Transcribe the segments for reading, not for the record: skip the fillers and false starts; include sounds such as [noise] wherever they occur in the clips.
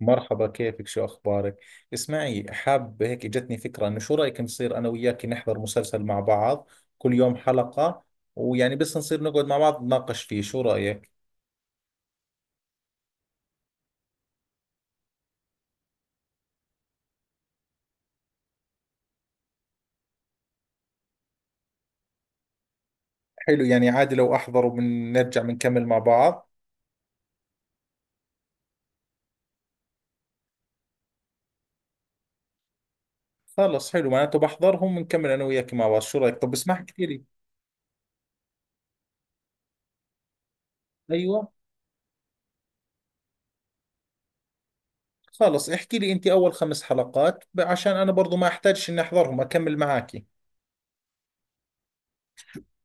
مرحبا، كيفك؟ شو أخبارك؟ اسمعي، حاب هيك جتني فكرة إنه شو رأيك نصير أنا وياك نحضر مسلسل مع بعض؟ كل يوم حلقة. ويعني بس نصير نقعد مع بعض نناقش فيه، شو رأيك؟ حلو، يعني عادي لو أحضر وبنرجع بنكمل مع بعض. خلص، حلو، معناته بحضرهم بنكمل أنا وياك مع بعض، شو رأيك؟ طب اسمع، احكي لي. أيوة. خلص احكي لي أنت أول خمس حلقات، عشان أنا برضو ما أحتاجش إني أحضرهم أكمل معاكي.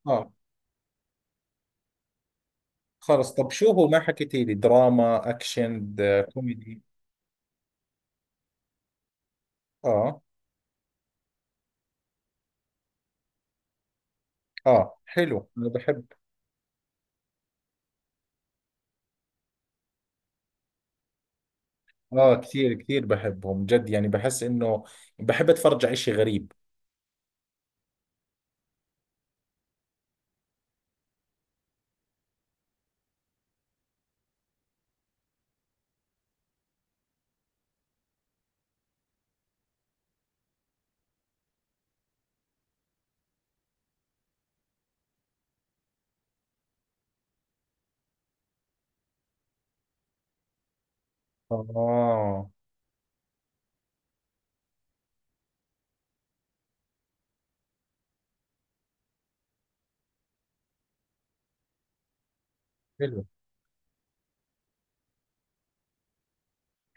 آه. خلص، طب شو هو ما حكيتي لي؟ دراما أكشن كوميدي؟ آه. اه حلو، انا بحب. اه، كثير كثير بحبهم جد، يعني بحس انه بحب اتفرج على اشي غريب. اه حلو.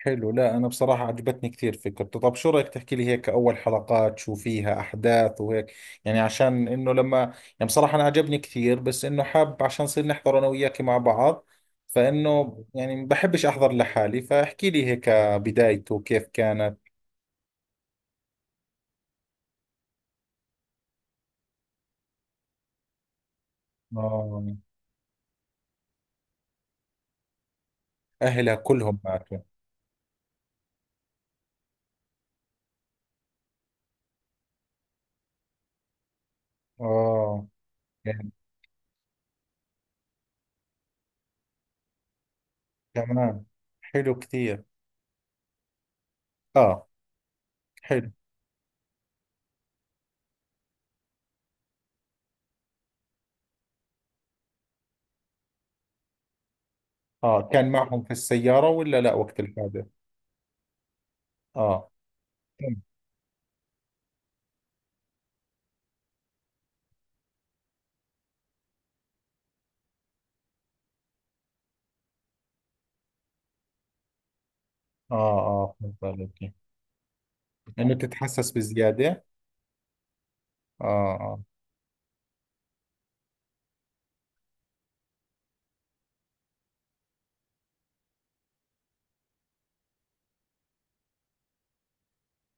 حلو، لا انا بصراحة عجبتني كثير فكرته. طب شو رأيك تحكي لي هيك اول حلقات شو فيها احداث وهيك؟ يعني عشان انه لما، يعني بصراحة انا عجبني كثير، بس انه حاب عشان نصير نحضر انا وياك مع بعض. فانه يعني بحبش احضر لحالي، فاحكي لي هيك بدايته كيف كانت. اه. اهلها كلهم ماتوا؟ اه تمام. حلو كثير. اه حلو. اه، كان معهم في السيارة ولا لا وقت الحادث؟ اه تمام. اه اه فهمت عليك. انه تتحسس بزيادة. اه. اه.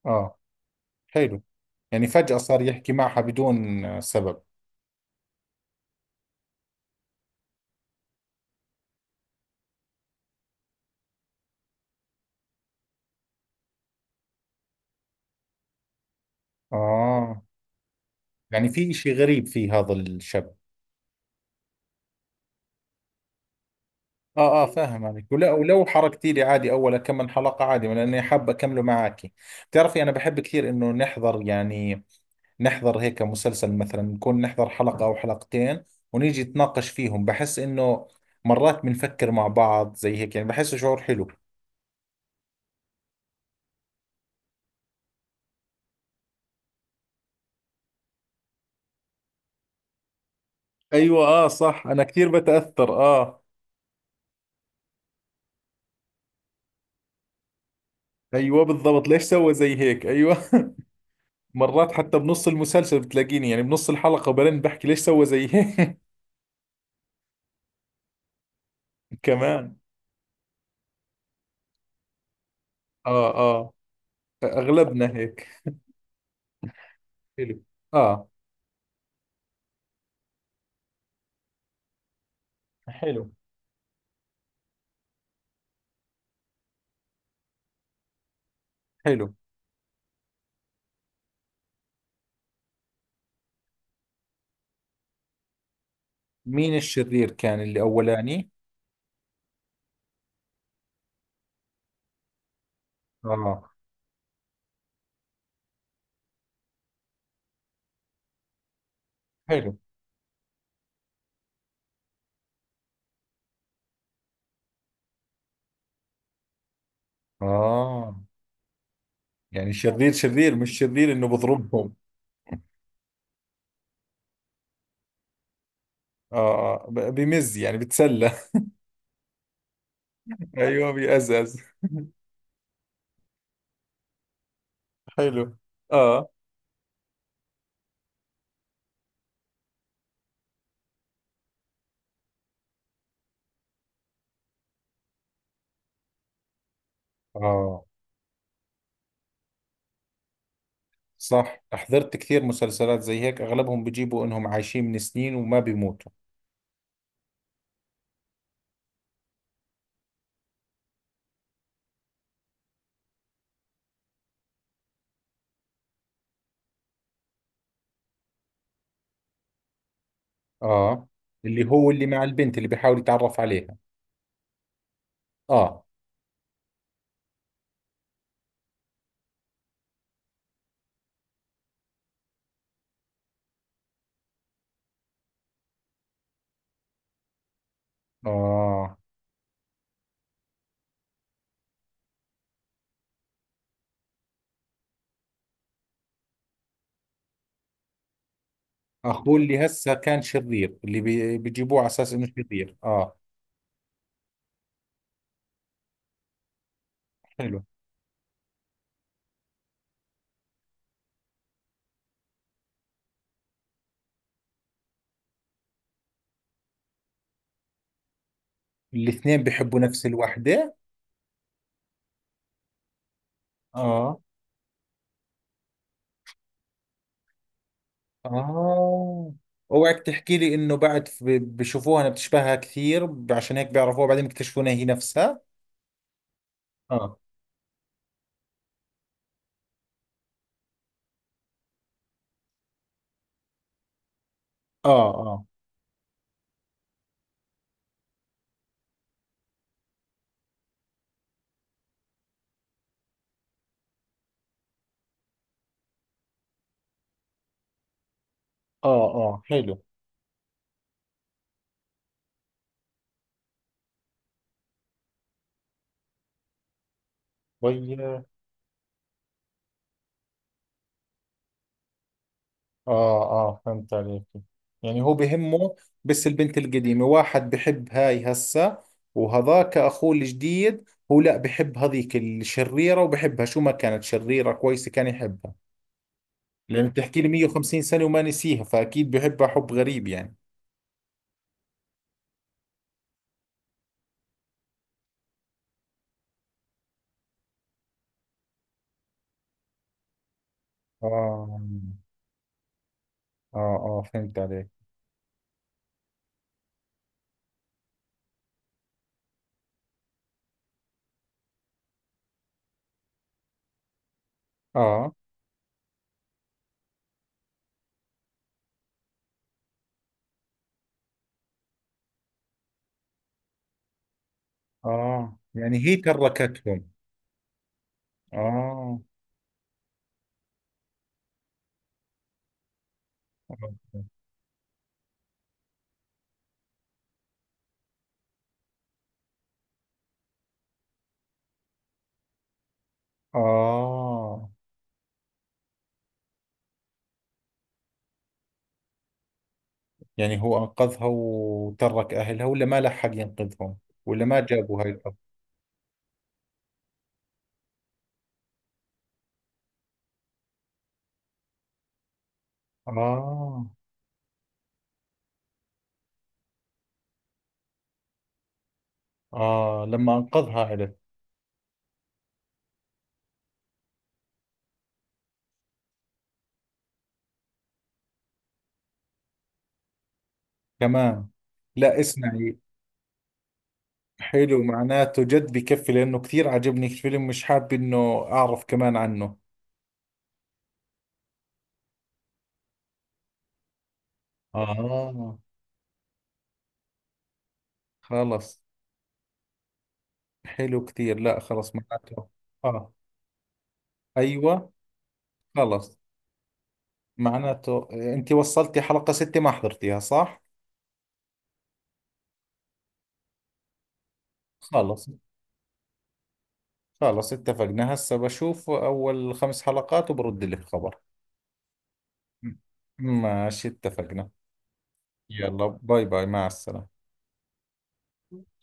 اه حلو. يعني فجأة صار يحكي معها بدون سبب. اه، يعني في اشي غريب في هذا الشاب. اه اه فاهم عليك، ولا ولو حركتي لي عادي اول كم من حلقة، عادي لاني حاب اكمله معك. بتعرفي انا بحب كثير انه نحضر، يعني نحضر هيك مسلسل، مثلا نكون نحضر حلقة أو حلقتين ونيجي نتناقش فيهم. بحس إنه مرات بنفكر مع بعض زي هيك، يعني بحسه شعور حلو. ايوه، اه صح انا كثير بتاثر، اه. ايوه بالضبط، ليش سوى زي هيك؟ ايوه. [laughs] مرات حتى بنص المسلسل بتلاقيني، يعني بنص الحلقه، وبعدين بحكي ليش سوى زي هيك. [laughs] كمان. اه اه، اغلبنا هيك. حلو. اه. حلو حلو، مين الشرير كان اللي أولاني؟ اه حلو. آه، يعني شرير شرير، مش شرير انه بضربهم. اه، بمز، يعني بتسلى. [laughs] ايوه بيأزأز. حلو. اه اه صح، حضرت كثير مسلسلات زي هيك اغلبهم بيجيبوا انهم عايشين من سنين وما بيموتوا. اه، اللي هو اللي مع البنت اللي بيحاول يتعرف عليها. اه. اه. اخوه اللي هسه كان شرير اللي بيجيبوه على اساس انه شرير، اه. حلو. الاثنين بيحبوا نفس الوحدة؟ اه. آه، اوعك تحكي لي انه بعد بشوفوها انها بتشبهها كثير عشان هيك بيعرفوها، بعدين بيكتشفوا انها هي نفسها. اه. اه. اه. اه. اه حلو. طيب. اه اه فهمت عليك. يعني هو بهمه بس البنت القديمة، واحد بحب هاي هسه وهذاك اخوه الجديد. هو لا، بحب هذيك الشريرة وبحبها شو ما كانت، شريرة كويسة كان يحبها. لأنه بتحكي لي 150 سنة وما نسيها، فأكيد بحبها حب غريب يعني. اه. اه اه فهمت عليك. اه اه، يعني هي تركتهم. اه. اه آه. يعني هو انقذها وترك اهلها ولا ما لحق ينقذهم؟ ولا ما جابوا هاي الأرض؟ آه. آه لما أنقذها عرف. كمان؟ لا اسمعي، حلو معناته، جد بكفي لأنه كثير عجبني الفيلم، مش حاب إنه أعرف كمان عنه. آه. خلص حلو كثير، لا خلص معناته. آه أيوة. خلص معناته انت وصلتي حلقة ستة ما حضرتيها، صح؟ خلص. خلص، اتفقنا. هسه بشوف اول خمس حلقات وبرد لك خبر. م- ماشي، اتفقنا. يلا باي باي، مع السلامة.